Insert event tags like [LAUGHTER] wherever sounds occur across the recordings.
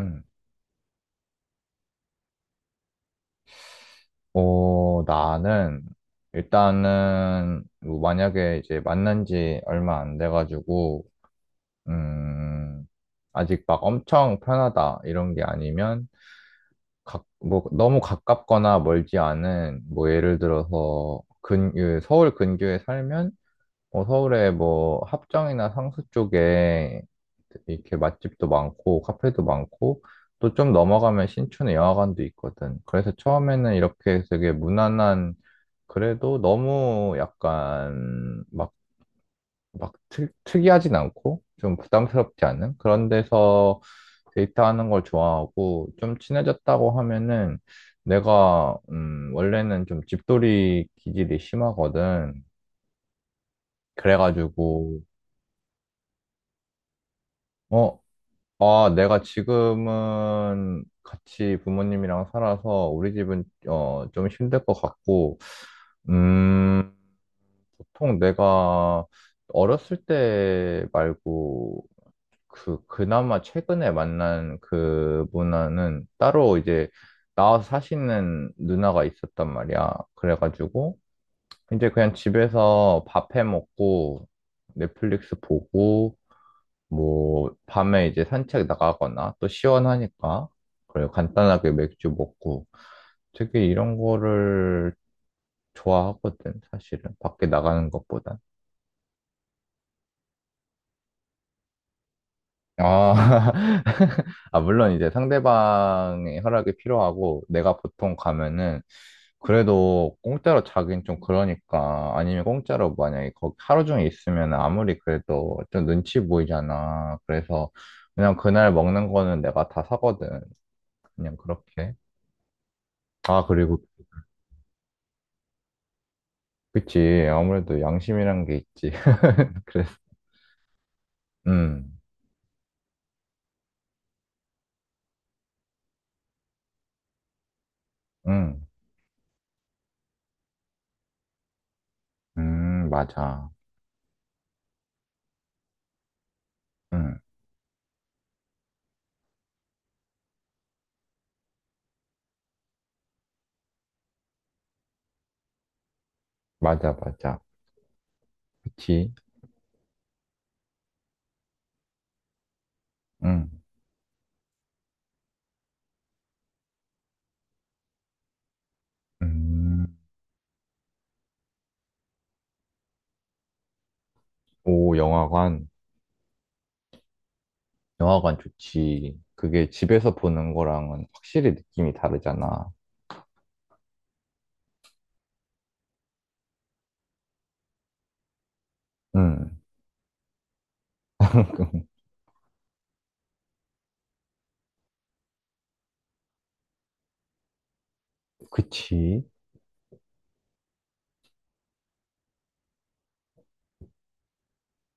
음. 어, 나는 일단은 뭐 만약에 이제 만난 지 얼마 안 돼가지고 음, 아직 막 엄청 편하다 이런 게 아니면 뭐 너무 가깝거나 멀지 않은 뭐 예를 들어서 그 서울 근교에 살면 어, 서울에 뭐 합정이나 상수 쪽에 이렇게 맛집도 많고 카페도 많고 또 좀 넘어가면 신촌에 영화관도 있거든. 그래서 처음에는 이렇게 되게 무난한, 그래도 너무 약간 막, 특이하진 않고 좀 부담스럽지 않은 그런 데서 데이트하는 걸 좋아하고, 좀 친해졌다고 하면은 내가, 원래는 좀 집돌이 기질이 심하거든. 그래가지고 어, 아, 내가 지금은 같이 부모님이랑 살아서 우리 집은 어, 좀 힘들 것 같고, 음, 보통 내가 어렸을 때 말고 그나마 최근에 만난 그분은 따로 이제 나와서 사시는 누나가 있었단 말이야. 그래가지고 이제 그냥 집에서 밥해 먹고 넷플릭스 보고 뭐, 밤에 이제 산책 나가거나 또 시원하니까, 그래요. 간단하게 맥주 먹고 되게 이런 거를 좋아하거든, 사실은. 밖에 나가는 것보단. 아, [LAUGHS] 아, 물론 이제 상대방의 허락이 필요하고, 내가 보통 가면은, 그래도 공짜로 자긴 좀 그러니까, 아니면 공짜로 만약에 거기 하루 종일 있으면 아무리 그래도 좀 눈치 보이잖아. 그래서 그냥 그날 먹는 거는 내가 다 사거든. 그냥 그렇게. 아, 그리고, 그치. 아무래도 양심이란 게 있지. [LAUGHS] 그래서, 음, 음, 맞아. 음, 맞아, 맞아. 그치. 음. 음. 오, 영화관. 영화관 좋지. 그게 집에서 보는 거랑은 확실히 느낌이 다르잖아. 음, [LAUGHS] 그치.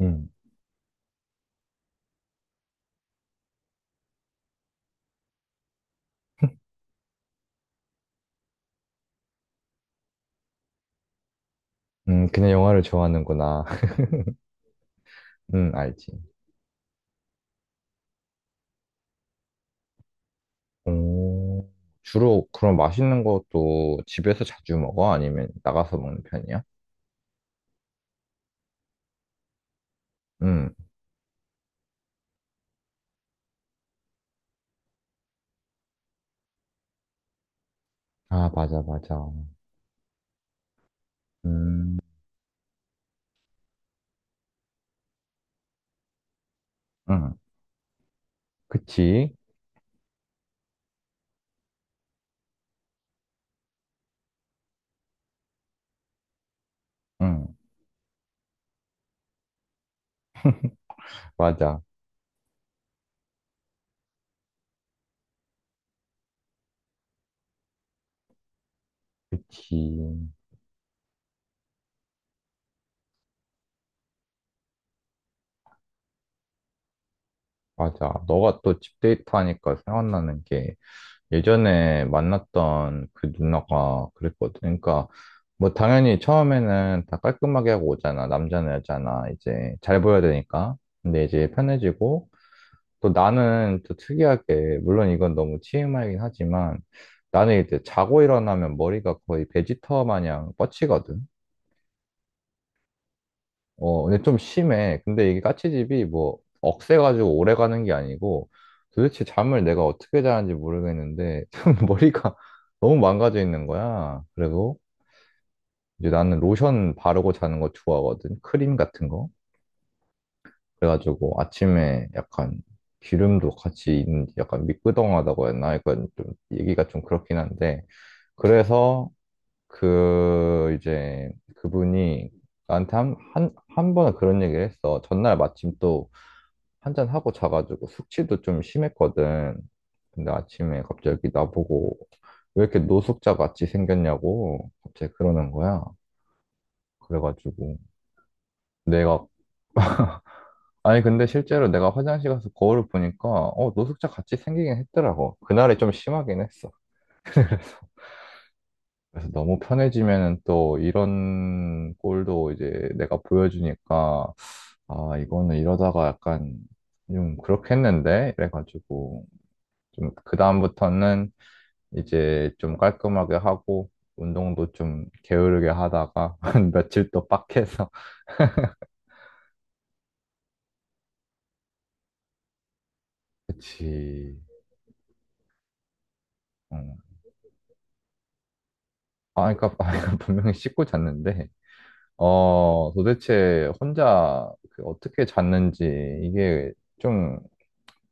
음, 그냥 영화를 좋아하는구나. [LAUGHS] 알지. 오, 주로 그럼 맛있는 것도 집에서 자주 먹어? 아니면 나가서 먹는 편이야? 음. 아, 맞아, 맞아. 음, 응, 그치. 응, 맞아. 그치. 맞아. 너가 또 집데이트 하니까 생각나는 게 예전에 만났던 그 누나가 그랬거든. 그러니까 뭐 당연히 처음에는 다 깔끔하게 하고 오잖아. 남자나 여자나 이제 잘 보여야 되니까. 근데 이제 편해지고, 또 나는 또 특이하게, 물론 이건 너무 TMI이긴 하지만, 나는 이제 자고 일어나면 머리가 거의 베지터 마냥 뻗치거든. 어, 근데 좀 심해. 근데 이게 까치집이 뭐 억세가지고 오래 가는 게 아니고 도대체 잠을 내가 어떻게 자는지 모르겠는데 [LAUGHS] 좀 머리가 너무 망가져 있는 거야. 그리고 이제 나는 로션 바르고 자는 거 좋아하거든. 크림 같은 거. 그래가지고 아침에 약간 기름도 같이 있는지 약간 미끄덩하다고 했나? 약간 좀 얘기가 좀 그렇긴 한데. 그래서 그 이제 그분이 나한테 한 번은 그런 얘기를 했어. 전날 마침 또 한 잔하고 자가지고 숙취도 좀 심했거든. 근데 아침에 갑자기 나보고, 왜 이렇게 노숙자 같이 생겼냐고 갑자기 그러는 거야. 그래가지고 내가 [LAUGHS] 아니 근데 실제로 내가 화장실 가서 거울을 보니까 어 노숙자 같이 생기긴 했더라고. 그날이 좀 심하긴 했어. 그래서 너무 편해지면은 또 이런 꼴도 이제 내가 보여주니까, 아 이거는 이러다가 약간 좀 그렇게 했는데 이래가지고 좀 그다음부터는 이제 좀 깔끔하게 하고 운동도 좀 게으르게 하다가 [LAUGHS] 한 며칠 또 빡해서 [LAUGHS] 그치. 어. 아 그러니까, 아, 그러니까 분명히 씻고 잤는데 어 도대체 혼자 그 어떻게 잤는지 이게 좀,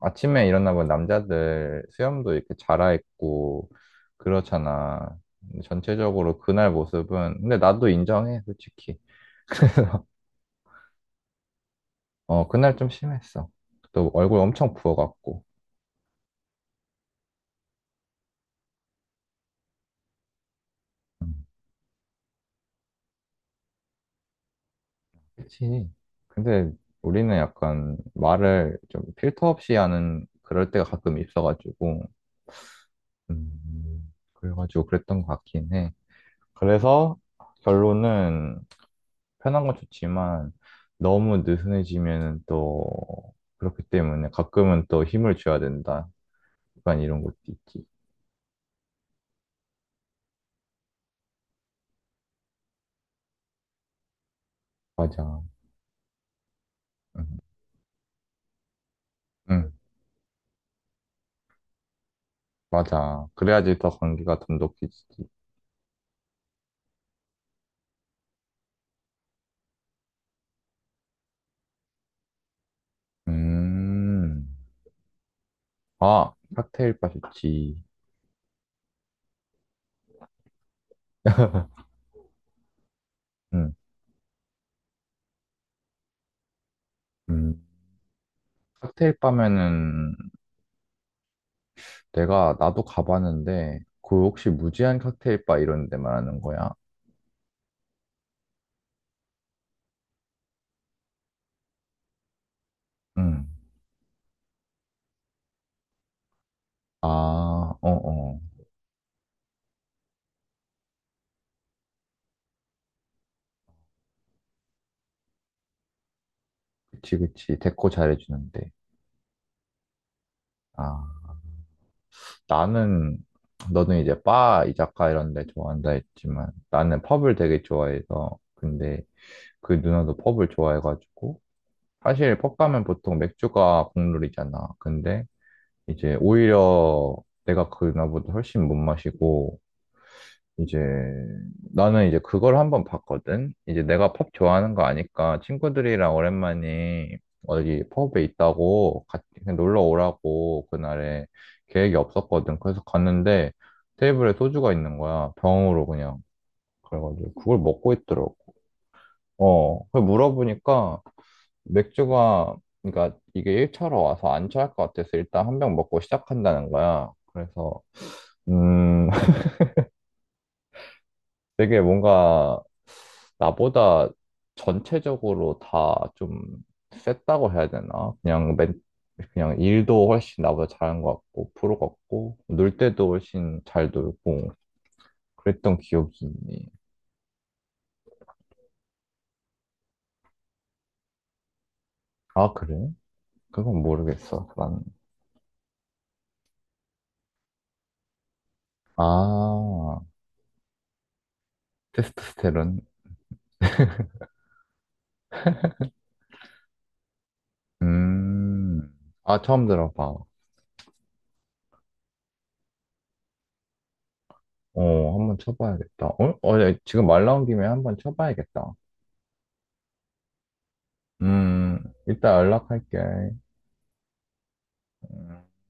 아침에 일어나면 남자들 수염도 이렇게 자라있고 그렇잖아. 근데 전체적으로 그날 모습은, 근데 나도 인정해 솔직히. [LAUGHS] 어 그날 좀 심했어. 또 얼굴 엄청 부어갖고. 음. 그치. 근데 우리는 약간 말을 좀 필터 없이 하는 그럴 때가 가끔 있어가지고, 그래가지고 그랬던 것 같긴 해. 그래서 결론은 편한 건 좋지만 너무 느슨해지면 또 그렇기 때문에 가끔은 또 힘을 줘야 된다. 약간 이런 것도 있지. 맞아. 응, 응, 맞아. 그래야지 더 관계가 돈독해지지. 음, 아, 칵테일 바 좋지. [LAUGHS] 응. 음. 칵테일 바면은 내가 나도 가봤는데 그 혹시 무제한 칵테일 바 이런 데 말하는 거야? 응. 아, 어, 어. 그치, 그치. 데코 잘해주는데. 아, 나는, 너는 이제 바, 이자카 이런 데 좋아한다 했지만 나는 펍을 되게 좋아해서, 근데 그 누나도 펍을 좋아해가지고 사실 펍 가면 보통 맥주가 국룰이잖아. 근데 이제 오히려 내가 그 누나보다 훨씬 못 마시고, 이제 나는 이제 그걸 한번 봤거든. 이제 내가 펍 좋아하는 거 아니까 친구들이랑 오랜만에 어디 펍에 있다고 같이 그냥 놀러 오라고, 그날에 계획이 없었거든. 그래서 갔는데 테이블에 소주가 있는 거야. 병으로 그냥. 그래가지고 그걸 먹고 있더라고. 어, 그 물어보니까 맥주가, 그러니까 이게 1차로 와서 안 취할 것 같아서 일단 한 병 먹고 시작한다는 거야. 그래서 음 [LAUGHS] 되게 뭔가 나보다 전체적으로 다 좀 셌다고 해야 되나? 그냥 일도 훨씬 나보다 잘한 것 같고, 프로 같고, 놀 때도 훨씬 잘 놀고, 그랬던 기억이 있니? 아, 그래? 그건 모르겠어, 나는. 아, 테스토스테론? 음, 아, 처음 들어봐. 어, 한번 쳐봐야겠다. 어? 어, 야, 지금 말 나온 김에 한번 쳐봐야겠다. 음, 이따 연락할게. 음.